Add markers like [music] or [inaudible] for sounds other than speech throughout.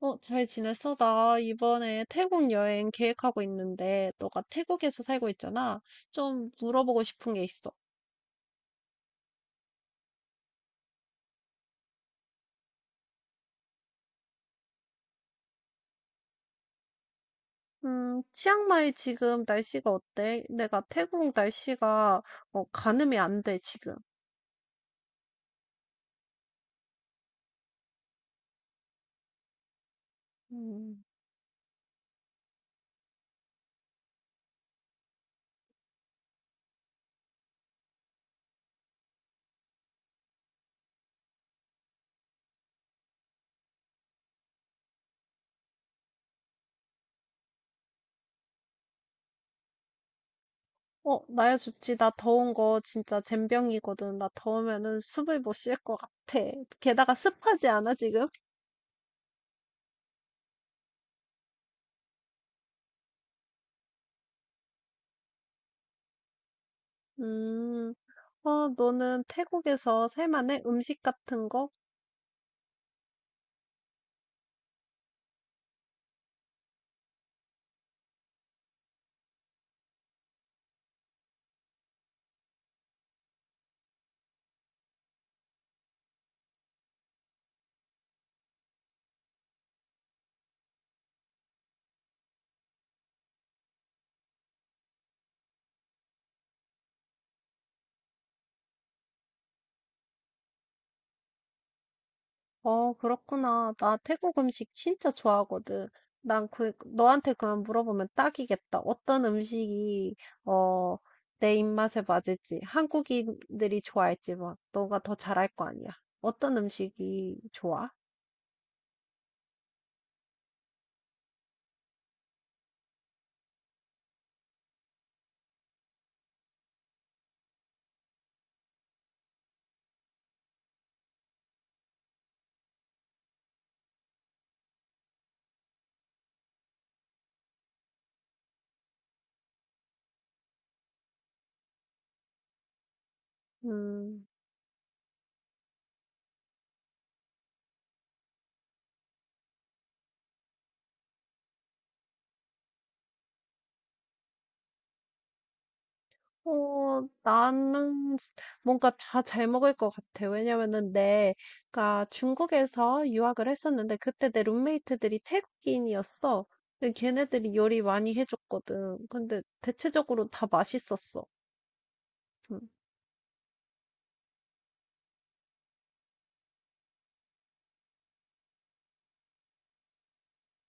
잘 지냈어? 나 이번에 태국 여행 계획하고 있는데, 너가 태국에서 살고 있잖아. 좀 물어보고 싶은 게 있어. 치앙마이 지금 날씨가 어때? 내가 태국 날씨가, 가늠이 안 돼, 지금. 음. 어, 나야 좋지. 나 더운 거 진짜 젬병이거든. 나 더우면은 숨을 못 쉴 것 같아. 게다가 습하지 않아, 지금? 음. 너는 태국에서 살만해? 음식 같은 거? 어, 그렇구나. 나 태국 음식 진짜 좋아하거든. 난 그, 너한테 그만 물어보면 딱이겠다. 어떤 음식이, 어, 내 입맛에 맞을지, 한국인들이 좋아할지 막, 너가 더 잘할 거 아니야. 어떤 음식이 좋아? 음. 나는 뭔가 다 잘 먹을 것 같아. 왜냐면은 내가 중국에서 유학을 했었는데 그때 내 룸메이트들이 태국인이었어. 근데 걔네들이 요리 많이 해줬거든. 근데 대체적으로 다 맛있었어. 음.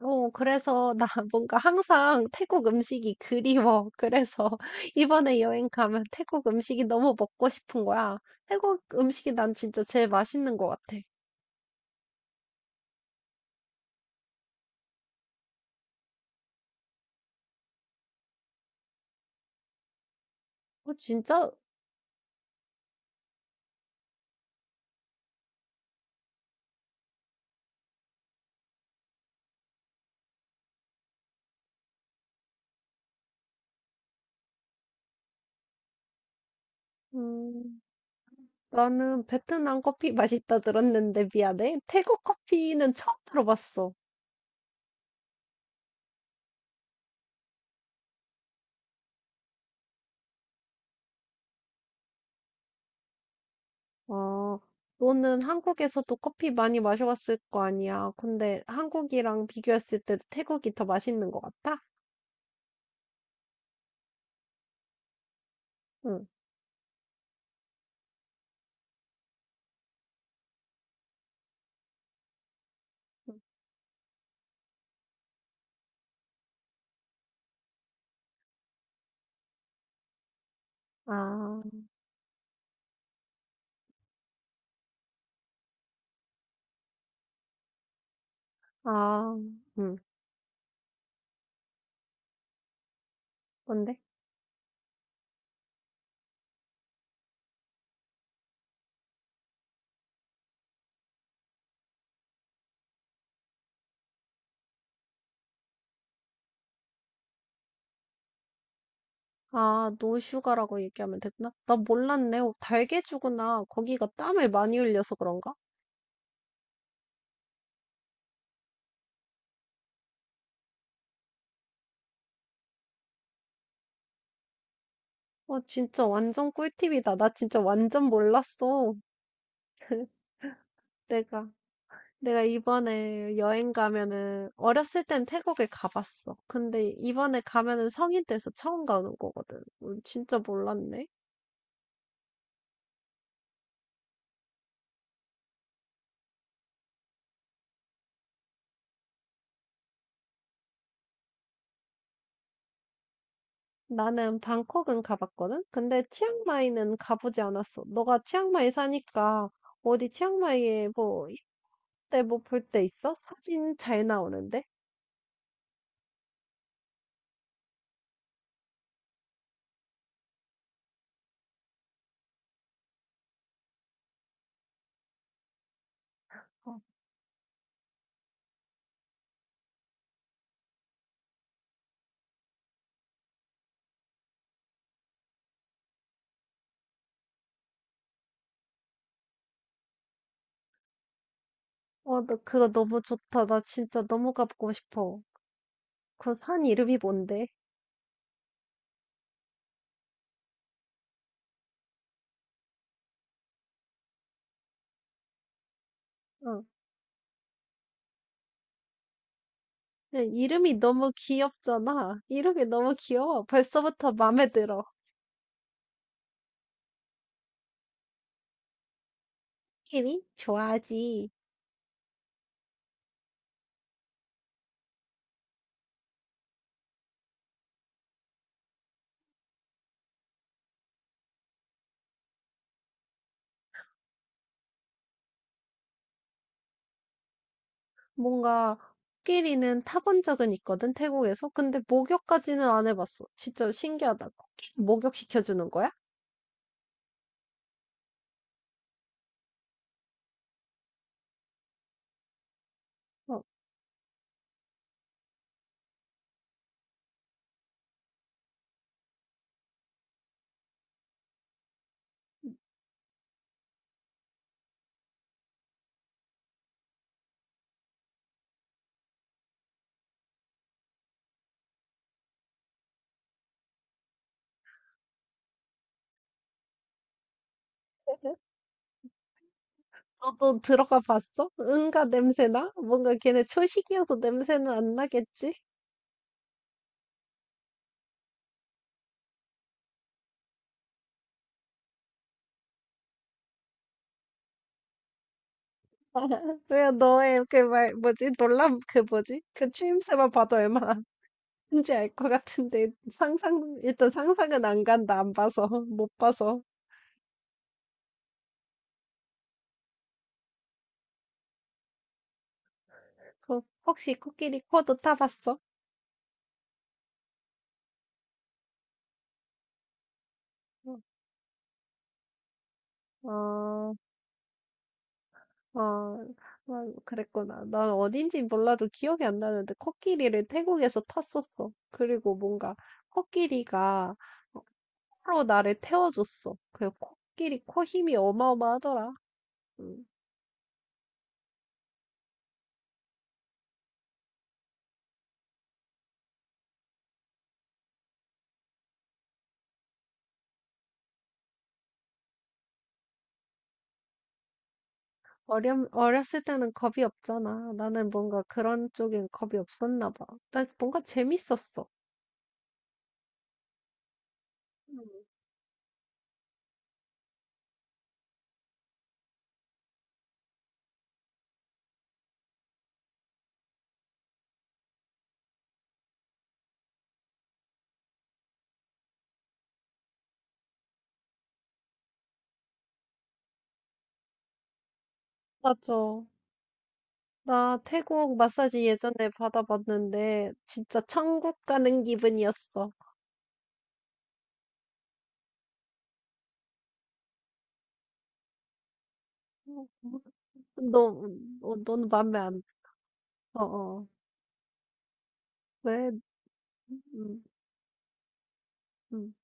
어, 그래서 나 [laughs] 뭔가 항상 태국 음식이 그리워. 그래서 [laughs] 이번에 여행 가면 태국 음식이 너무 먹고 싶은 거야. 태국 음식이 난 진짜 제일 맛있는 것 같아. 어, 진짜? 음. 나는 베트남 커피 맛있다 들었는데 미안해. 태국 커피는 처음 들어봤어. 아, 너는 한국에서도 커피 많이 마셔봤을 거 아니야. 근데 한국이랑 비교했을 때도 태국이 더 맛있는 것 같아? 응. 응. 아, 아, 응. 뭔데? 아, 노슈가라고 얘기하면 됐나? 나 몰랐네. 어, 달개주구나. 거기가 땀을 많이 흘려서 그런가? 어, 진짜 완전 꿀팁이다. 나 진짜 완전 몰랐어. [laughs] 내가. 내가 이번에 여행 가면은 어렸을 땐 태국에 가봤어. 근데 이번에 가면은 성인 돼서 처음 가는 거거든. 진짜 몰랐네. 나는 방콕은 가봤거든. 근데 치앙마이는 가보지 않았어. 너가 치앙마이 사니까 어디 치앙마이에 뭐 이때 뭐 볼 때 있어? 사진 잘 나오는데? 어, 어, 너 그거 너무 좋다. 나 진짜 너무 가보고 싶어. 그 산 이름이 뭔데? 어. 네, 이름이 너무 귀엽잖아. 이름이 너무 귀여워. 벌써부터 마음에 들어. 코끼리? 좋아하지. 뭔가 코끼리는 타본 적은 있거든, 태국에서. 근데 목욕까지는 안 해봤어. 진짜 신기하다. 코끼리 목욕시켜주는 거야? 어, 음. 너도 들어가 봤어? 응가 냄새나? 뭔가 걔네 초식이어서 냄새는 안 나겠지? [laughs] 왜 너의 그 말, 뭐지? 놀람, 그 뭐지? 그 추임새만 봐도 얼마나 큰지 알 것 같은데, 상상, 일단 상상은 안 간다. 안 봐서, [laughs] 못 봐서. 그, 혹시 코끼리 코도 타봤어? 어, 어, 어, 그랬구나. 난 어딘지 몰라도 기억이 안 나는데, 코끼리를 태국에서 탔었어. 그리고 뭔가, 코끼리가, 코로 나를 태워줬어. 그 코끼리 코 힘이 어마어마하더라. 음. 어렸을 때는 겁이 없잖아. 나는 뭔가 그런 쪽엔 겁이 없었나 봐. 나 뭔가 재밌었어. 음, 맞아. 나 태국 마사지 예전에 받아봤는데 진짜 천국 가는 기분이었어. 음. 너, 어, 넌 맘에 안, 어, 어. 왜? 음, 음,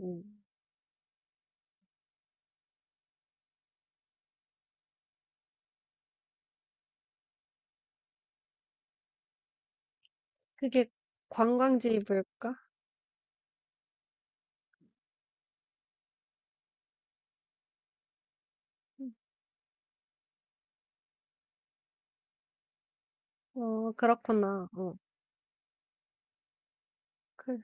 음. 그게 관광지 물까 어, 그렇구나. 어, 그,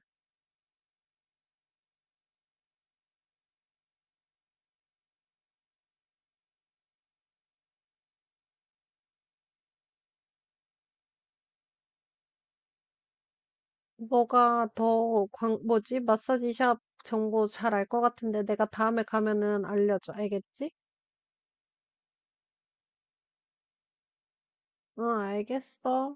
너가 더 광, 뭐지? 마사지샵 정보 잘 알 것 같은데 내가 다음에 가면은 알려줘. 알겠지? 응, 알겠어.